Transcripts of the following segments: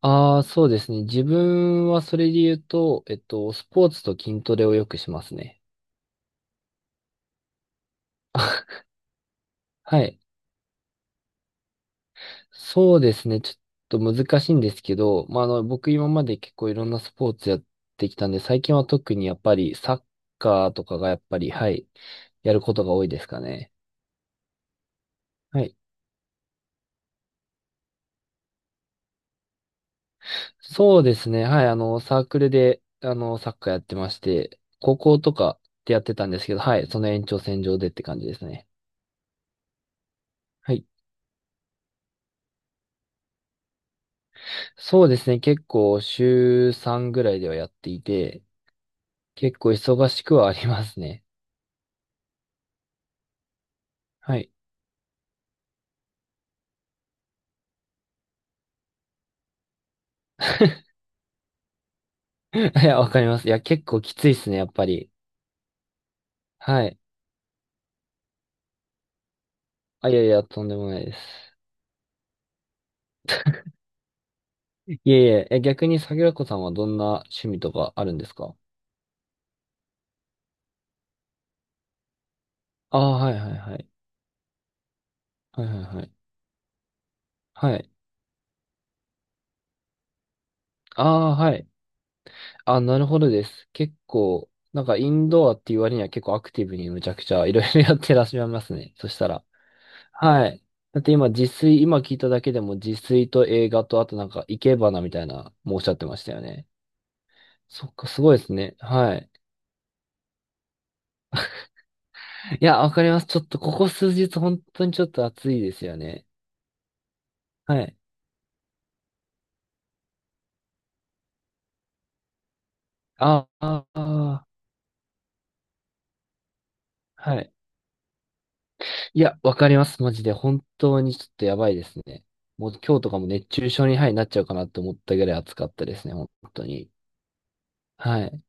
ああ、そうですね。自分はそれで言うと、スポーツと筋トレをよくしますね。はい。そうですね。ちょっと難しいんですけど、まあ、僕今まで結構いろんなスポーツやってきたんで、最近は特にやっぱりサッカーとかがやっぱり、はい、やることが多いですかね。はい。そうですね。はい。サークルで、サッカーやってまして、高校とかでやってたんですけど、はい。その延長線上でって感じですね。はいそうですね。結構週3ぐらいではやっていて、結構忙しくはありますね。はい。いや、わかります。いや、結構きついですね、やっぱり。はい。あ、いやいや、とんでもないです。いえいえ、え、逆に桜子さんはどんな趣味とかあるんですか？ああ、はいはいはい。はいはいはい。はい。ああ、はい。あ、なるほどです。結構、なんかインドアっていう割には結構アクティブにむちゃくちゃいろいろやってらっしゃいますね。そしたら。はい。だって今、自炊、今聞いただけでも自炊と映画と、あとなんか、生け花みたいな、もうおっしゃってましたよね。そっか、すごいですね。はい。いや、わかります。ちょっと、ここ数日、本当にちょっと暑いですよね。はい。ああ、あーはい。いや、わかります。マジで。本当にちょっとやばいですね。もう今日とかも熱中症に、はい、なっちゃうかなって思ったぐらい暑かったですね。本当に。はい。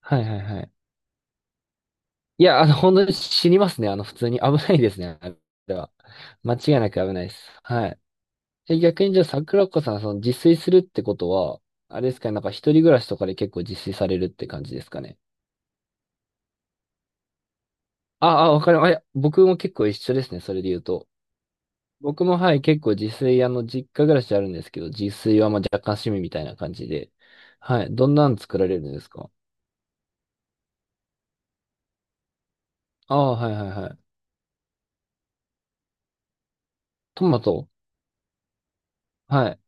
はい、はい、はい。いや、本当に死にますね。普通に危ないですね。あれは。間違いなく危ないです。はい。え、逆にじゃあ、桜子さん、その、自炊するってことは、あれですかね、なんか一人暮らしとかで結構自炊されるって感じですかね。ああ、わかる。あ、いや、僕も結構一緒ですね。それで言うと。僕も、はい、結構自炊、実家暮らしあるんですけど、自炊はまあ若干趣味みたいな感じで。はい。どんなん作られるんですか？ああ、はいはいはい。トマト。はい。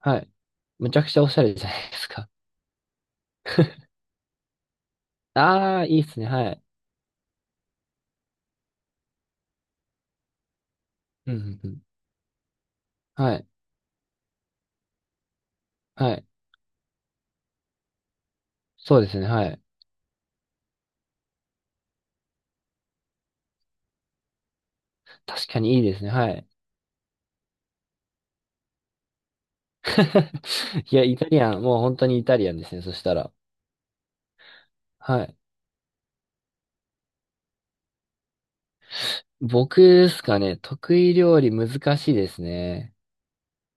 はい。むちゃくちゃおしゃれじゃないですか。ああ、いいっすね。はい。うんうんうんはい。はい。そうですね。はい。確かにいいですね。はい。いや、イタリアン、もう本当にイタリアンですね。そしたら。はい。僕ですかね。得意料理難しいですね。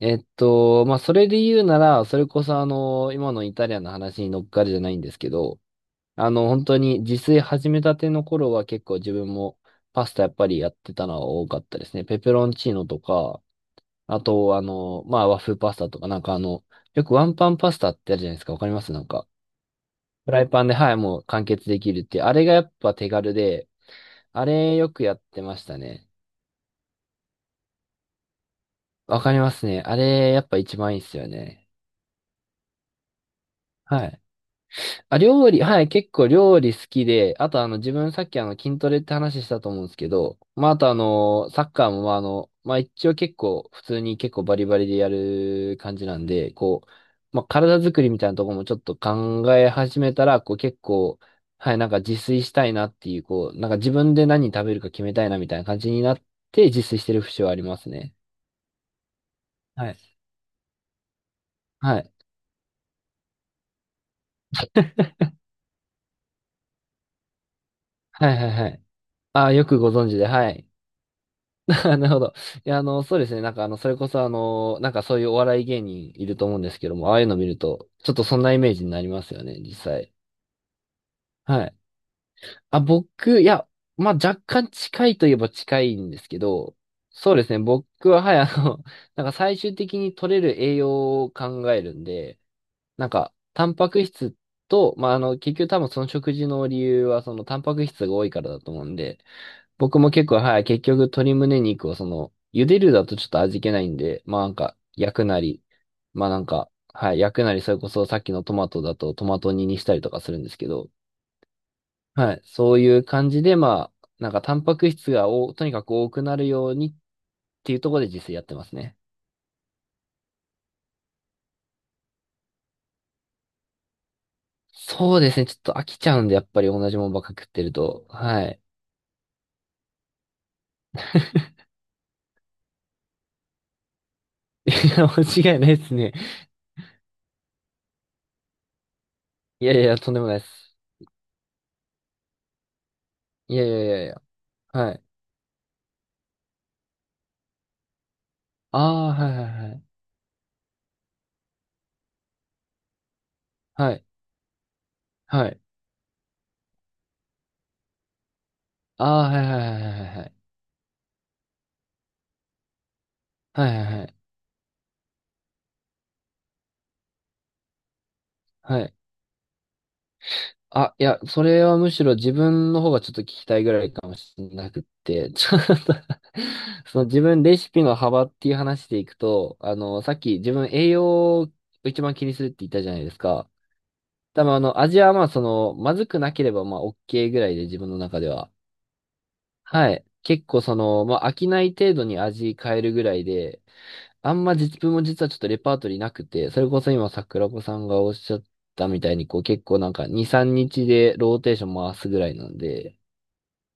まあ、それで言うなら、それこそ今のイタリアンの話に乗っかるじゃないんですけど、本当に自炊始めたての頃は結構自分もパスタやっぱりやってたのは多かったですね。ペペロンチーノとか、あと、まあ、和風パスタとか、なんかあの、よくワンパンパスタってあるじゃないですか。わかりますなんか、フライパンで、はい、もう完結できるって、あれがやっぱ手軽で、あれよくやってましたね。わかりますね。あれ、やっぱ一番いいっすよね。はい。あ、料理、はい、結構料理好きで、あとあの、自分さっきあの、筋トレって話したと思うんですけど、まあ、あとあの、サッカーもまあ、まあ、一応結構、普通に結構バリバリでやる感じなんで、こう、まあ、体作りみたいなところもちょっと考え始めたら、こう結構、はい、なんか自炊したいなっていう、こう、なんか自分で何食べるか決めたいなみたいな感じになって、自炊してる節はありますね。はい。はい。はいはいはい。ああ、よくご存知で、はい。あなるほど。いや、そうですね。なんか、それこそ、なんかそういうお笑い芸人いると思うんですけども、ああいうの見ると、ちょっとそんなイメージになりますよね、実際。はい。あ、僕、いや、まあ、若干近いといえば近いんですけど、そうですね。僕は、はい、なんか最終的に取れる栄養を考えるんで、なんか、タンパク質と、まあ、結局多分その食事の理由は、そのタンパク質が多いからだと思うんで、僕も結構、はい、結局鶏胸肉をその、茹でるだとちょっと味気ないんで、まあなんか、焼くなり、まあなんか、はい、焼くなり、それこそさっきのトマトだとトマト煮にしたりとかするんですけど、はい、そういう感じで、まあ、なんかタンパク質がお、とにかく多くなるようにっていうところで自炊やってますね。そうですね、ちょっと飽きちゃうんで、やっぱり同じもんばっか食ってると、はい。いや、間違いないですね。いやいや、とんでもないです。いやいやいやいや、はい。ああ、はいはいはい。はい。はいああ、はいはいはいはいはい。はいはいはい。はい。あ、いや、それはむしろ自分の方がちょっと聞きたいぐらいかもしれなくって、ちょっと その自分レシピの幅っていう話でいくと、さっき自分栄養を一番気にするって言ったじゃないですか。多分味はまあその、まずくなければまあ OK ぐらいで自分の中では。はい。結構その、まあ飽きない程度に味変えるぐらいで、あんま実分も実はちょっとレパートリーなくて、それこそ今桜子さんがおっしゃったみたいに、こう結構なんか2、3日でローテーション回すぐらいなんで、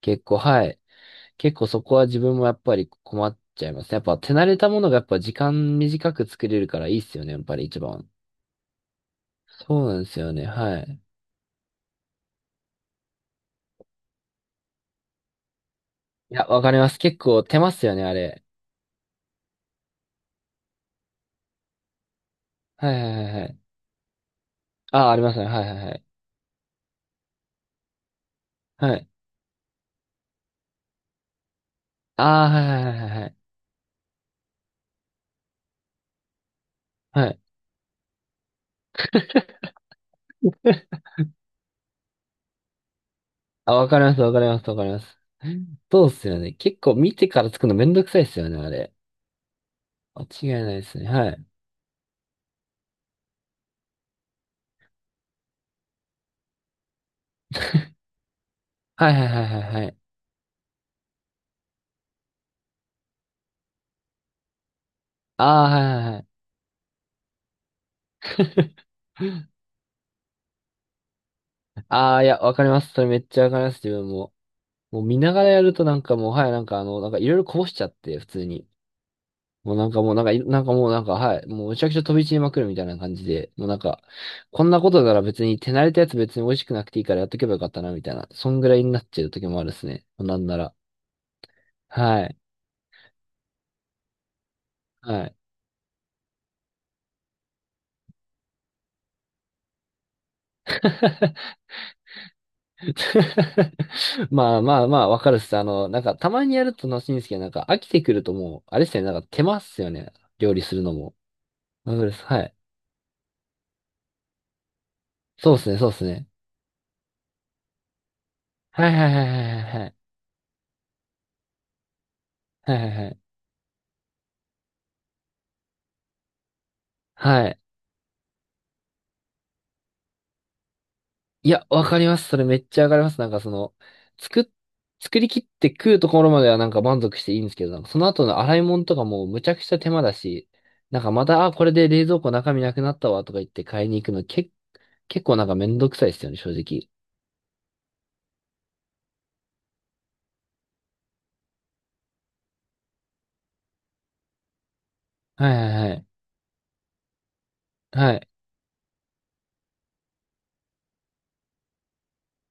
結構はい。結構そこは自分もやっぱり困っちゃいますね。やっぱ手慣れたものがやっぱ時間短く作れるからいいっすよね、やっぱり一番。そうなんですよね、はい。いや、わかります。結構手ますよね、あれ。はいはいはいはい。ああ、ありますね。はいはいはい。はい。ああ、はいはいはいはいはい。はいあ、わかります、わかります、わかります。そうっすよね。結構見てから作るのめんどくさいっすよね、あれ。間違いないですね。はい。はいはいはいはいはい。ああ、はいはいはい。ああ、いや、わかります。それめっちゃわかります、自分も。もう見ながらやるとなんかもう、はい、なんかあの、なんかいろいろこぼしちゃって、普通に。もうなんかもうなんかい、なんかもうなんか、はい、もうむちゃくちゃ飛び散りまくるみたいな感じで、もうなんか、こんなことなら別に手慣れたやつ別に美味しくなくていいからやっとけばよかったな、みたいな。そんぐらいになっちゃう時もあるっすね。なんなら。はい。はい。まあまあまあ、わかるっす。なんか、たまにやると楽しいんですけど、なんか、飽きてくるともう、あれっすね、なんか、手間っすよね。料理するのも。わかるっす。はい。そうっすね、そうっすね。はいはいはいはいはいはい。はいはいはい。はい。いや、わかります。それめっちゃわかります。なんか、その、作っ、作り切って食うところまではなんか満足していいんですけど、なんかその後の洗い物とかもうむちゃくちゃ手間だし、なんかまた、あ、これで冷蔵庫中身なくなったわとか言って買いに行くの、結構なんかめんどくさいっすよね、正直。はいはいはい。はい。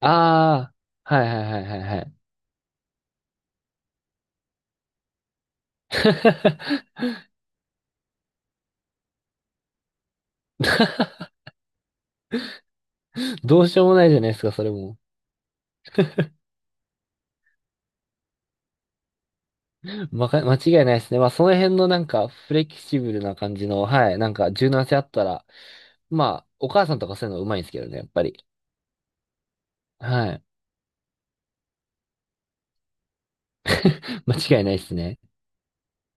ああ、はいはいはいはいはい。どうしようもないじゃないですか、それも。間違いないですね。まあ、その辺のなんか、フレキシブルな感じの、はい、なんか、柔軟性あったら、まあ、お母さんとかそういうのうまいんですけどね、やっぱり。はい。間違いないですね。